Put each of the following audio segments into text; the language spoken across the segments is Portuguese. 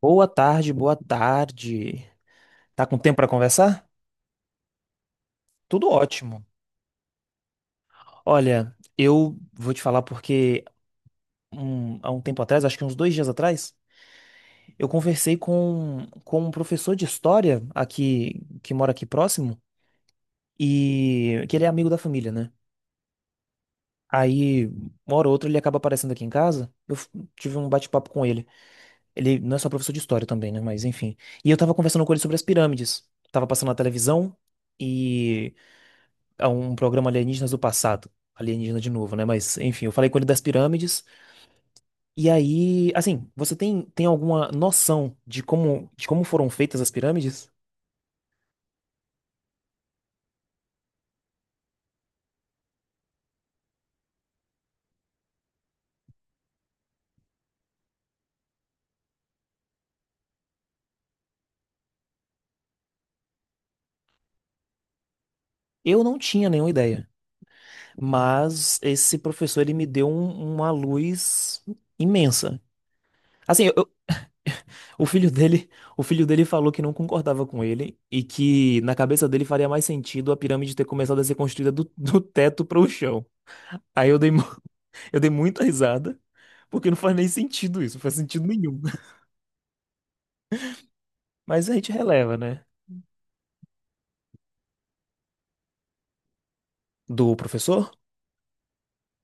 Boa tarde, boa tarde. Tá com tempo para conversar? Tudo ótimo. Olha, eu vou te falar porque há um tempo atrás, acho que uns dois dias atrás, eu conversei com um professor de história aqui que mora aqui próximo e que ele é amigo da família, né? Aí, uma hora ou outra, ele acaba aparecendo aqui em casa. Tive um bate-papo com ele. Ele não é só professor de história também, né? Mas enfim. E eu tava conversando com ele sobre as pirâmides. Tava passando na televisão. A um programa Alienígenas do Passado. Alienígena de novo, né? Mas, enfim, eu falei com ele das pirâmides. E aí, assim, você tem alguma noção de como foram feitas as pirâmides? Eu não tinha nenhuma ideia. Mas esse professor, ele me deu uma luz imensa. Assim, o filho dele, o filho dele falou que não concordava com ele e que na cabeça dele faria mais sentido a pirâmide ter começado a ser construída do teto para o chão. Aí eu dei Eu dei muita risada, porque não faz nem sentido isso, não faz sentido nenhum. Mas a gente releva, né? Do professor?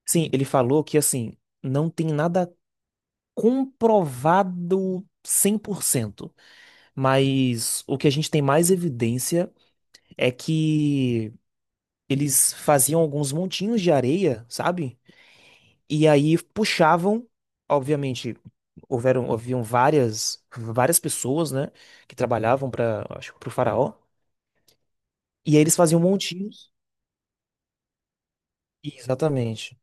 Sim, ele falou que, assim, não tem nada comprovado 100%, mas o que a gente tem mais evidência é que eles faziam alguns montinhos de areia, sabe? E aí puxavam, obviamente, houveram, haviam várias pessoas, né, que trabalhavam para, acho, para o faraó, e aí eles faziam montinhos. Exatamente.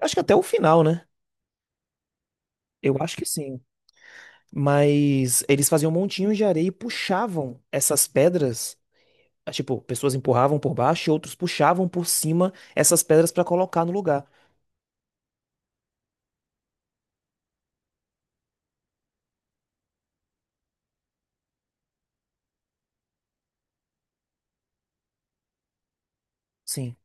Acho que até o final, né? Eu acho que sim. Mas eles faziam montinhos de areia e puxavam essas pedras. Ah, tipo, pessoas empurravam por baixo e outros puxavam por cima essas pedras pra colocar no lugar. Sim.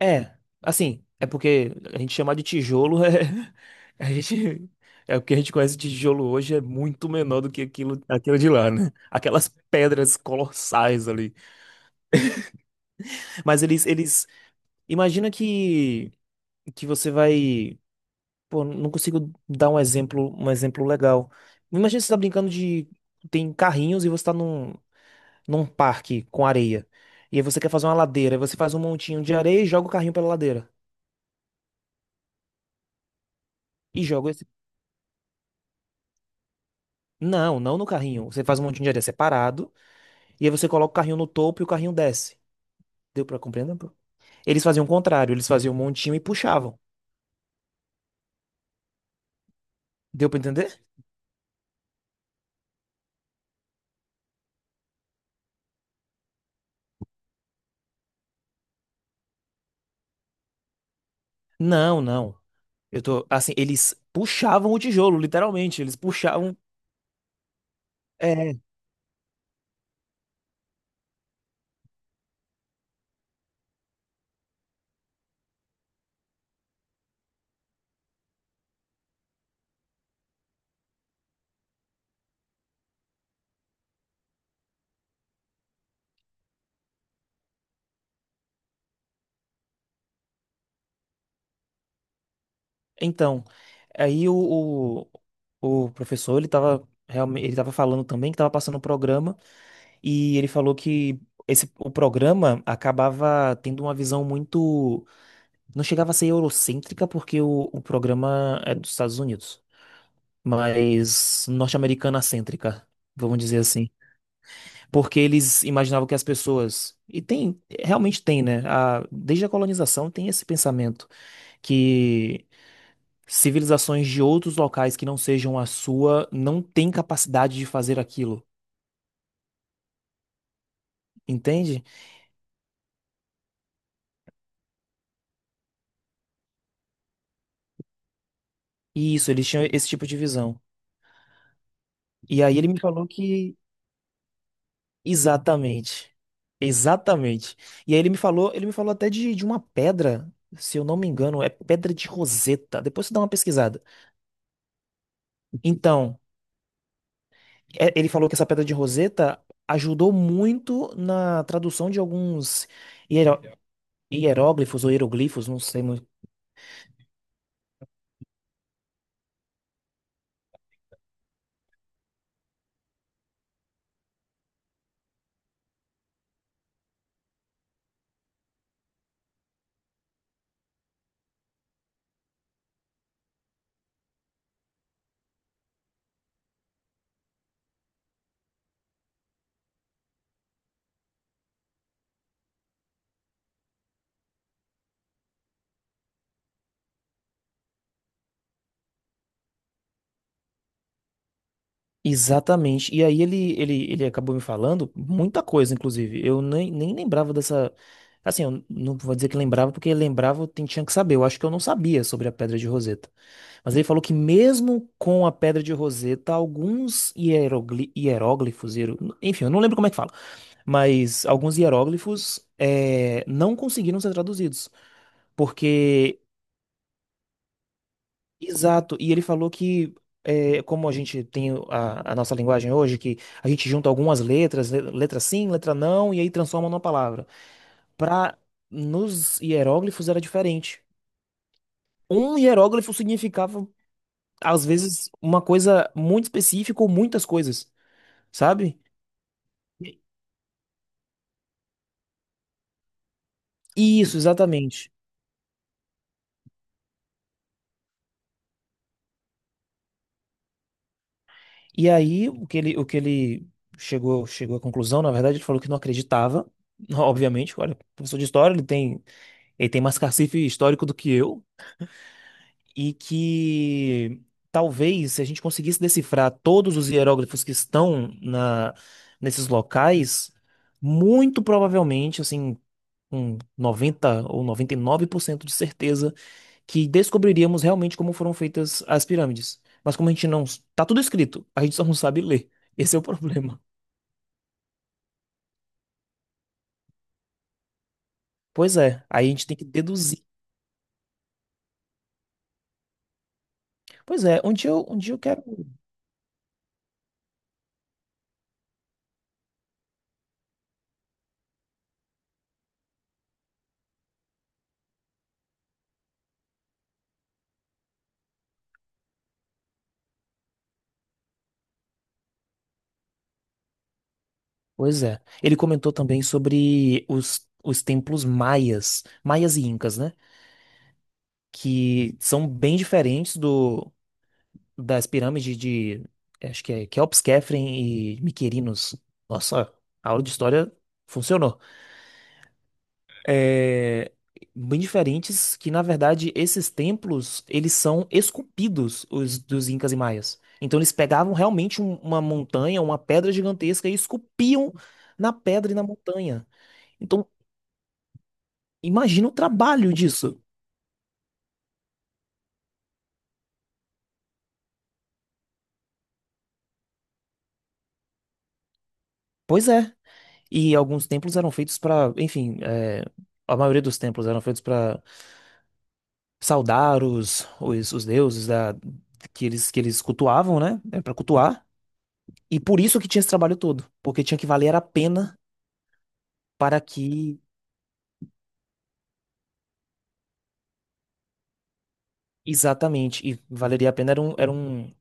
É. Assim, é porque a gente chamar de tijolo é. A gente. É o que a gente conhece de tijolo hoje é muito menor do que aquilo, aquilo de lá, né? Aquelas pedras colossais ali. Mas eles. Imagina que você vai. Pô, não consigo dar um exemplo legal. Imagina você tá brincando de. Tem carrinhos e você tá num parque com areia. E aí você quer fazer uma ladeira. Aí você faz um montinho de areia e joga o carrinho pela ladeira. E joga esse. Não, não no carrinho. Você faz um montinho de areia separado. E aí você coloca o carrinho no topo e o carrinho desce. Deu pra compreender, pô? Eles faziam o contrário. Eles faziam um montinho e puxavam. Deu pra entender? Não, não. Eu tô. Assim, eles puxavam o tijolo, literalmente. Eles puxavam. É. Então, aí o professor, ele tava, realmente, ele tava falando também que tava passando o programa e ele falou que esse, o programa acabava tendo uma visão muito... Não chegava a ser eurocêntrica porque o programa é dos Estados Unidos, mas norte-americana cêntrica, vamos dizer assim. Porque eles imaginavam que as pessoas... E tem, realmente tem, né? A, desde a colonização tem esse pensamento que civilizações de outros locais que não sejam a sua não têm capacidade de fazer aquilo, entende? E isso, eles tinham esse tipo de visão. E aí ele me falou que exatamente, exatamente. E aí ele me falou até de uma pedra, se eu não me engano, é pedra de Roseta. Depois você dá uma pesquisada. Então, ele falou que essa pedra de Roseta ajudou muito na tradução de alguns hiero- hieróglifos ou hieroglifos, não sei. Exatamente. E aí ele acabou me falando muita coisa, inclusive. Eu nem lembrava dessa. Assim, eu não vou dizer que lembrava, porque lembrava eu tinha que saber. Eu acho que eu não sabia sobre a pedra de Roseta. Mas ele falou que mesmo com a pedra de Roseta, alguns hieróglifos, enfim, eu não lembro como é que fala, mas alguns hieróglifos não conseguiram ser traduzidos. Porque exato, e ele falou que, como a gente tem a nossa linguagem hoje, que a gente junta algumas letras, letra sim, letra não, e aí transforma numa palavra. Para nos hieróglifos era diferente. Um hieróglifo significava, às vezes, uma coisa muito específica ou muitas coisas, sabe? Isso, exatamente. E aí, o que ele chegou à conclusão, na verdade, ele falou que não acreditava, obviamente, olha, professor de história, ele tem mais cacife histórico do que eu, e que talvez se a gente conseguisse decifrar todos os hieróglifos que estão na, nesses locais, muito provavelmente, assim, com 90 ou 99% de certeza, que descobriríamos realmente como foram feitas as pirâmides. Mas como a gente não... Tá tudo escrito, a gente só não sabe ler. Esse é o problema. Pois é, aí a gente tem que deduzir. Pois é, um dia eu quero. Pois é. Ele comentou também sobre os templos maias, maias e incas, né? Que são bem diferentes do das pirâmides de, acho que é Keops, Khafre e Miquerinos. Nossa, a aula de história funcionou. É, bem diferentes que, na verdade, esses templos, eles são esculpidos, os dos Incas e Maias. Então eles pegavam realmente uma montanha, uma pedra gigantesca e esculpiam na pedra e na montanha. Então, imagina o trabalho disso. Pois é. E alguns templos eram feitos para, enfim, é, a maioria dos templos eram feitos para saudar os deuses da, que eles cultuavam, né? Para cultuar. E por isso que tinha esse trabalho todo, porque tinha que valer a pena para que, exatamente, e valeria a pena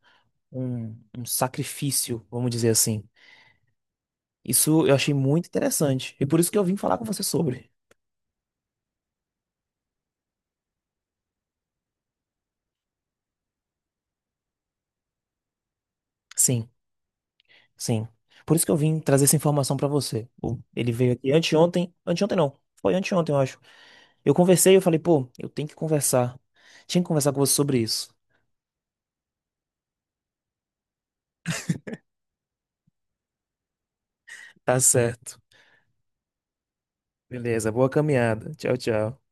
um, um sacrifício, vamos dizer assim. Isso eu achei muito interessante. E por isso que eu vim falar com você sobre. Sim, sim. Por isso que eu vim trazer essa informação para você. O- Ele veio aqui anteontem, anteontem não, foi anteontem, eu acho. Eu conversei, eu falei, pô, eu tenho que conversar. Tinha que conversar com você sobre isso. Tá certo. Beleza, boa caminhada. Tchau, tchau.